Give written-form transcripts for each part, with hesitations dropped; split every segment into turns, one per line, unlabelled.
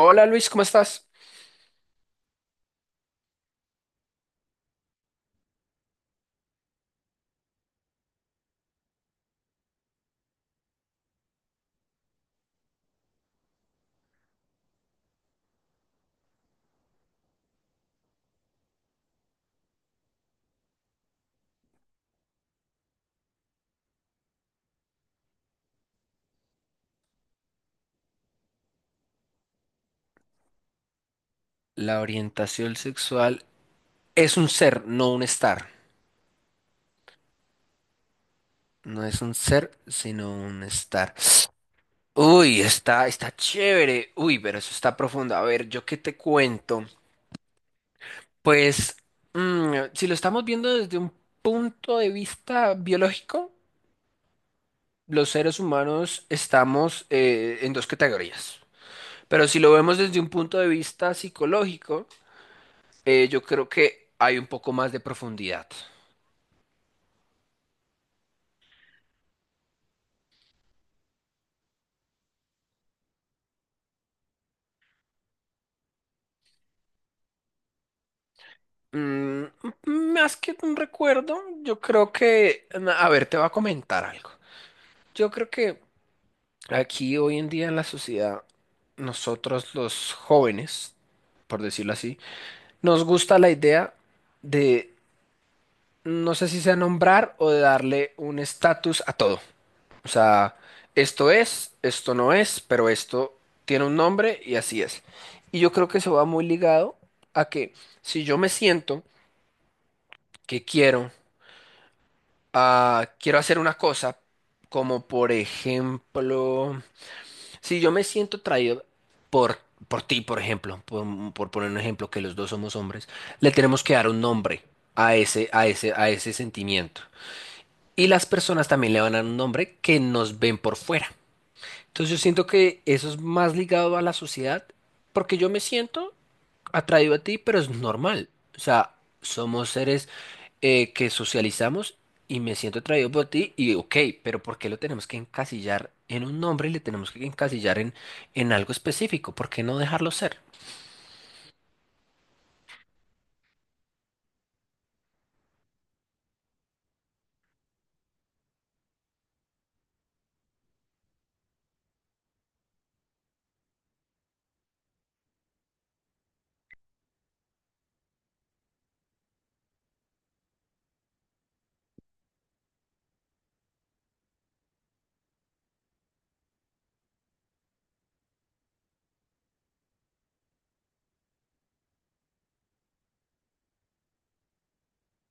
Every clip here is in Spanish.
Hola Luis, ¿cómo estás? La orientación sexual es un ser, no un estar. No es un ser, sino un estar. Uy, está chévere. Uy, pero eso está profundo. A ver, ¿yo qué te cuento? Pues, si lo estamos viendo desde un punto de vista biológico, los seres humanos estamos en dos categorías. Pero si lo vemos desde un punto de vista psicológico, yo creo que hay un poco más de profundidad. Mm, más que un recuerdo, yo creo que, a ver, te voy a comentar algo. Yo creo que aquí hoy en día en la sociedad, nosotros los jóvenes, por decirlo así, nos gusta la idea de, no sé si sea nombrar o de darle un estatus a todo. O sea, esto es, esto no es, pero esto tiene un nombre y así es. Y yo creo que eso va muy ligado a que si yo me siento que quiero quiero hacer una cosa, como por ejemplo, si yo me siento atraído por, por ti, por ejemplo, por poner un ejemplo, que los dos somos hombres, le tenemos que dar un nombre a ese sentimiento. Y las personas también le van a dar un nombre que nos ven por fuera. Entonces yo siento que eso es más ligado a la sociedad, porque yo me siento atraído a ti, pero es normal. O sea, somos seres que socializamos y me siento atraído por ti y ok, pero ¿por qué lo tenemos que encasillar en un nombre y le tenemos que encasillar en algo específico? ¿Por qué no dejarlo ser?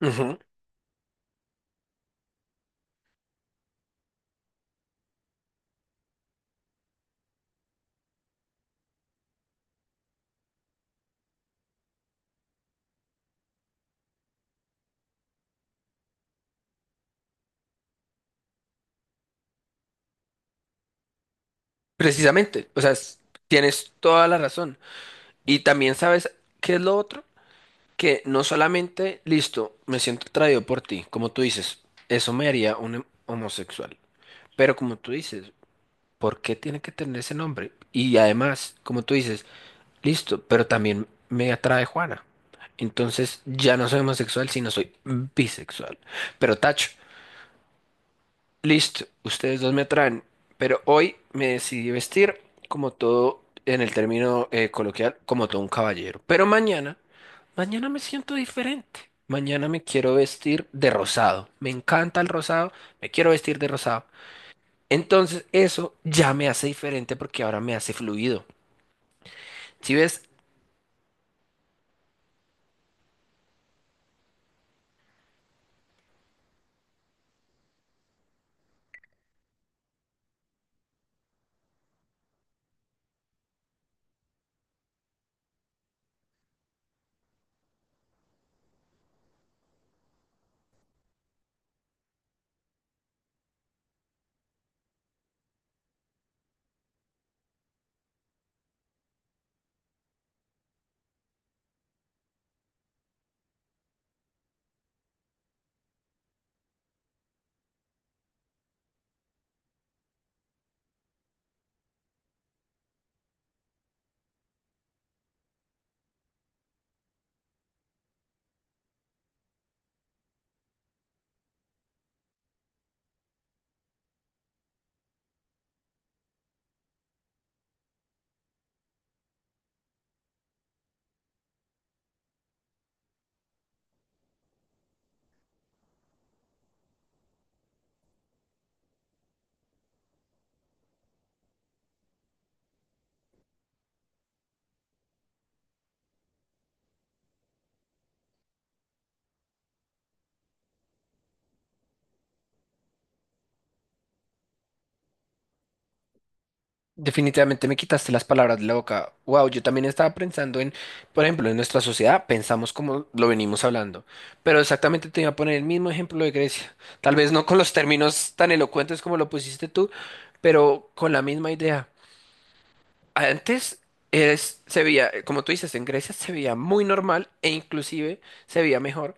Ujú. Precisamente, o sea, tienes toda la razón. Y también sabes qué es lo otro, que no solamente, listo, me siento atraído por ti, como tú dices, eso me haría un homosexual. Pero como tú dices, ¿por qué tiene que tener ese nombre? Y además, como tú dices, listo, pero también me atrae Juana. Entonces ya no soy homosexual, sino soy bisexual. Pero tacho, listo, ustedes dos me atraen. Pero hoy me decidí vestir como todo, en el término coloquial, como todo un caballero. Pero mañana, mañana me siento diferente. Mañana me quiero vestir de rosado. Me encanta el rosado, me quiero vestir de rosado. Entonces eso ya me hace diferente porque ahora me hace fluido. Si ves, definitivamente me quitaste las palabras de la boca. Wow, yo también estaba pensando en, por ejemplo, en nuestra sociedad pensamos como lo venimos hablando, pero exactamente te iba a poner el mismo ejemplo de Grecia. Tal vez no con los términos tan elocuentes como lo pusiste tú, pero con la misma idea. Antes se veía, como tú dices, en Grecia se veía muy normal e inclusive se veía mejor.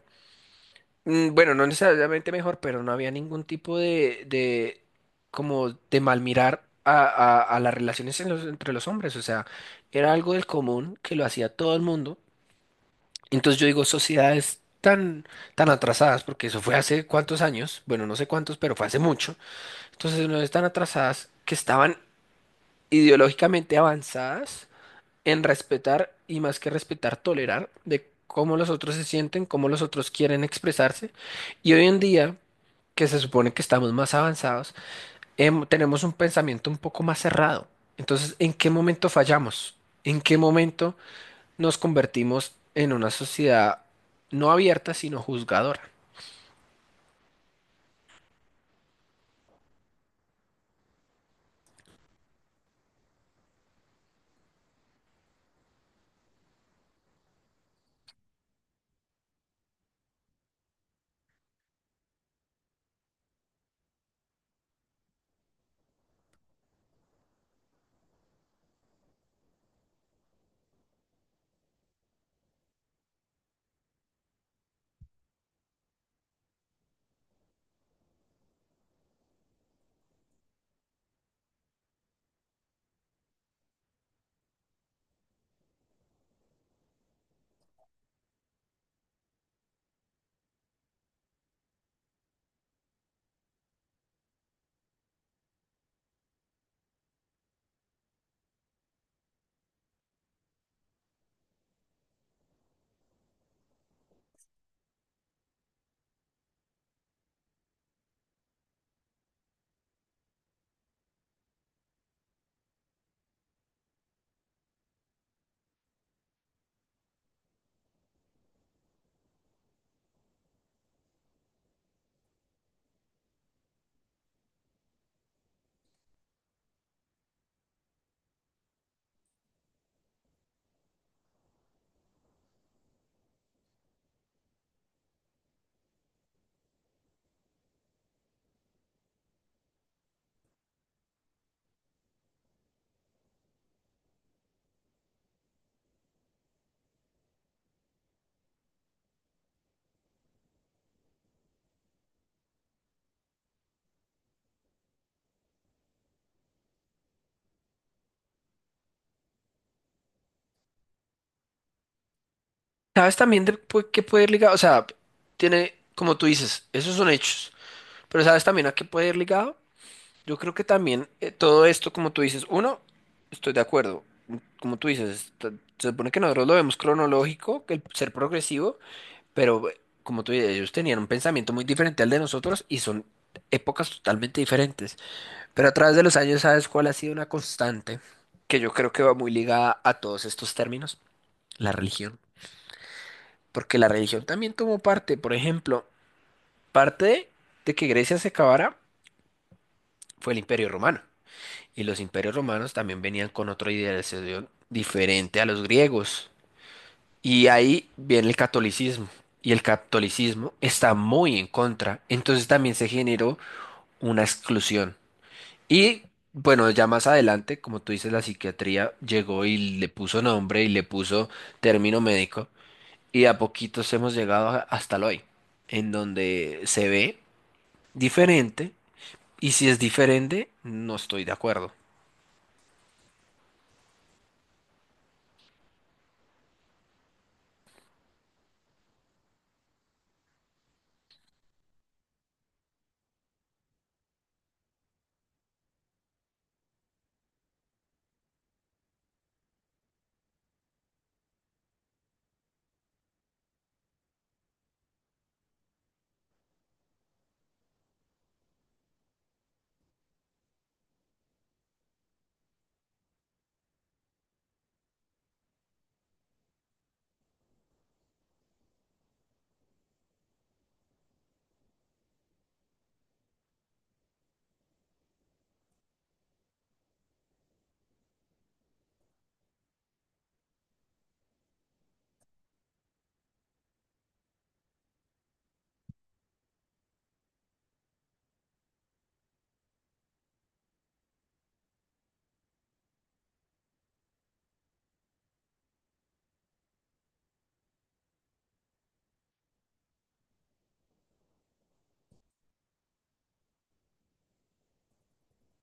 Bueno, no necesariamente mejor, pero no había ningún tipo de como de mal mirar a las relaciones en entre los hombres. O sea, era algo del común que lo hacía todo el mundo. Entonces yo digo, tan atrasadas, porque eso fue hace cuántos años, bueno, no sé cuántos, pero fue hace mucho. Entonces no están atrasadas que estaban ideológicamente avanzadas en respetar y más que respetar, tolerar de cómo los otros se sienten, cómo los otros quieren expresarse. Y hoy en día, que se supone que estamos más avanzados, tenemos un pensamiento un poco más cerrado. Entonces, ¿en qué momento fallamos? ¿En qué momento nos convertimos en una sociedad no abierta, sino juzgadora? ¿Sabes también de qué puede ir ligado? O sea, tiene, como tú dices, esos son hechos, pero ¿sabes también a qué puede ir ligado? Yo creo que también todo esto, como tú dices, uno, estoy de acuerdo. Como tú dices, se supone que nosotros lo vemos cronológico, que el ser progresivo, pero como tú dices, ellos tenían un pensamiento muy diferente al de nosotros y son épocas totalmente diferentes. Pero a través de los años, ¿sabes cuál ha sido una constante? Que yo creo que va muy ligada a todos estos términos, la religión. Porque la religión también tomó parte, por ejemplo, parte de que Grecia se acabara fue el Imperio Romano. Y los imperios romanos también venían con otra idealización diferente a los griegos. Y ahí viene el catolicismo. Y el catolicismo está muy en contra. Entonces también se generó una exclusión. Y bueno, ya más adelante, como tú dices, la psiquiatría llegó y le puso nombre y le puso término médico. Y de a poquitos hemos llegado hasta el hoy, en donde se ve diferente. Y si es diferente, no estoy de acuerdo.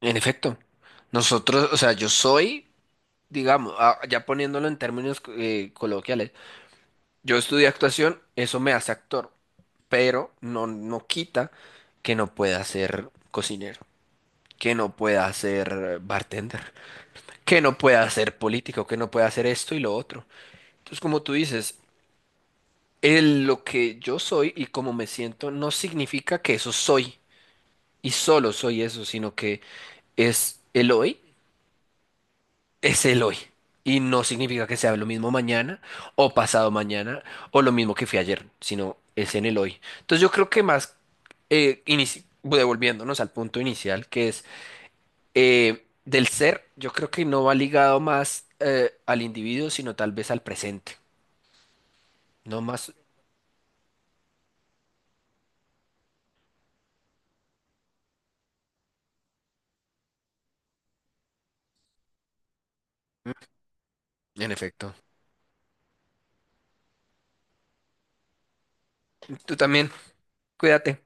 En efecto, nosotros, o sea, yo soy, digamos, ah, ya poniéndolo en términos coloquiales, yo estudié actuación, eso me hace actor, pero no, no quita que no pueda ser cocinero, que no pueda ser bartender, que no pueda ser político, que no pueda hacer esto y lo otro. Entonces, como tú dices, lo que yo soy y como me siento no significa que eso soy y solo soy eso, sino que es el hoy es el hoy. Y no significa que sea lo mismo mañana o pasado mañana o lo mismo que fue ayer, sino es en el hoy. Entonces yo creo que más, devolviéndonos al punto inicial, que es del ser, yo creo que no va ligado más al individuo, sino tal vez al presente. No más. En efecto. Tú también, cuídate.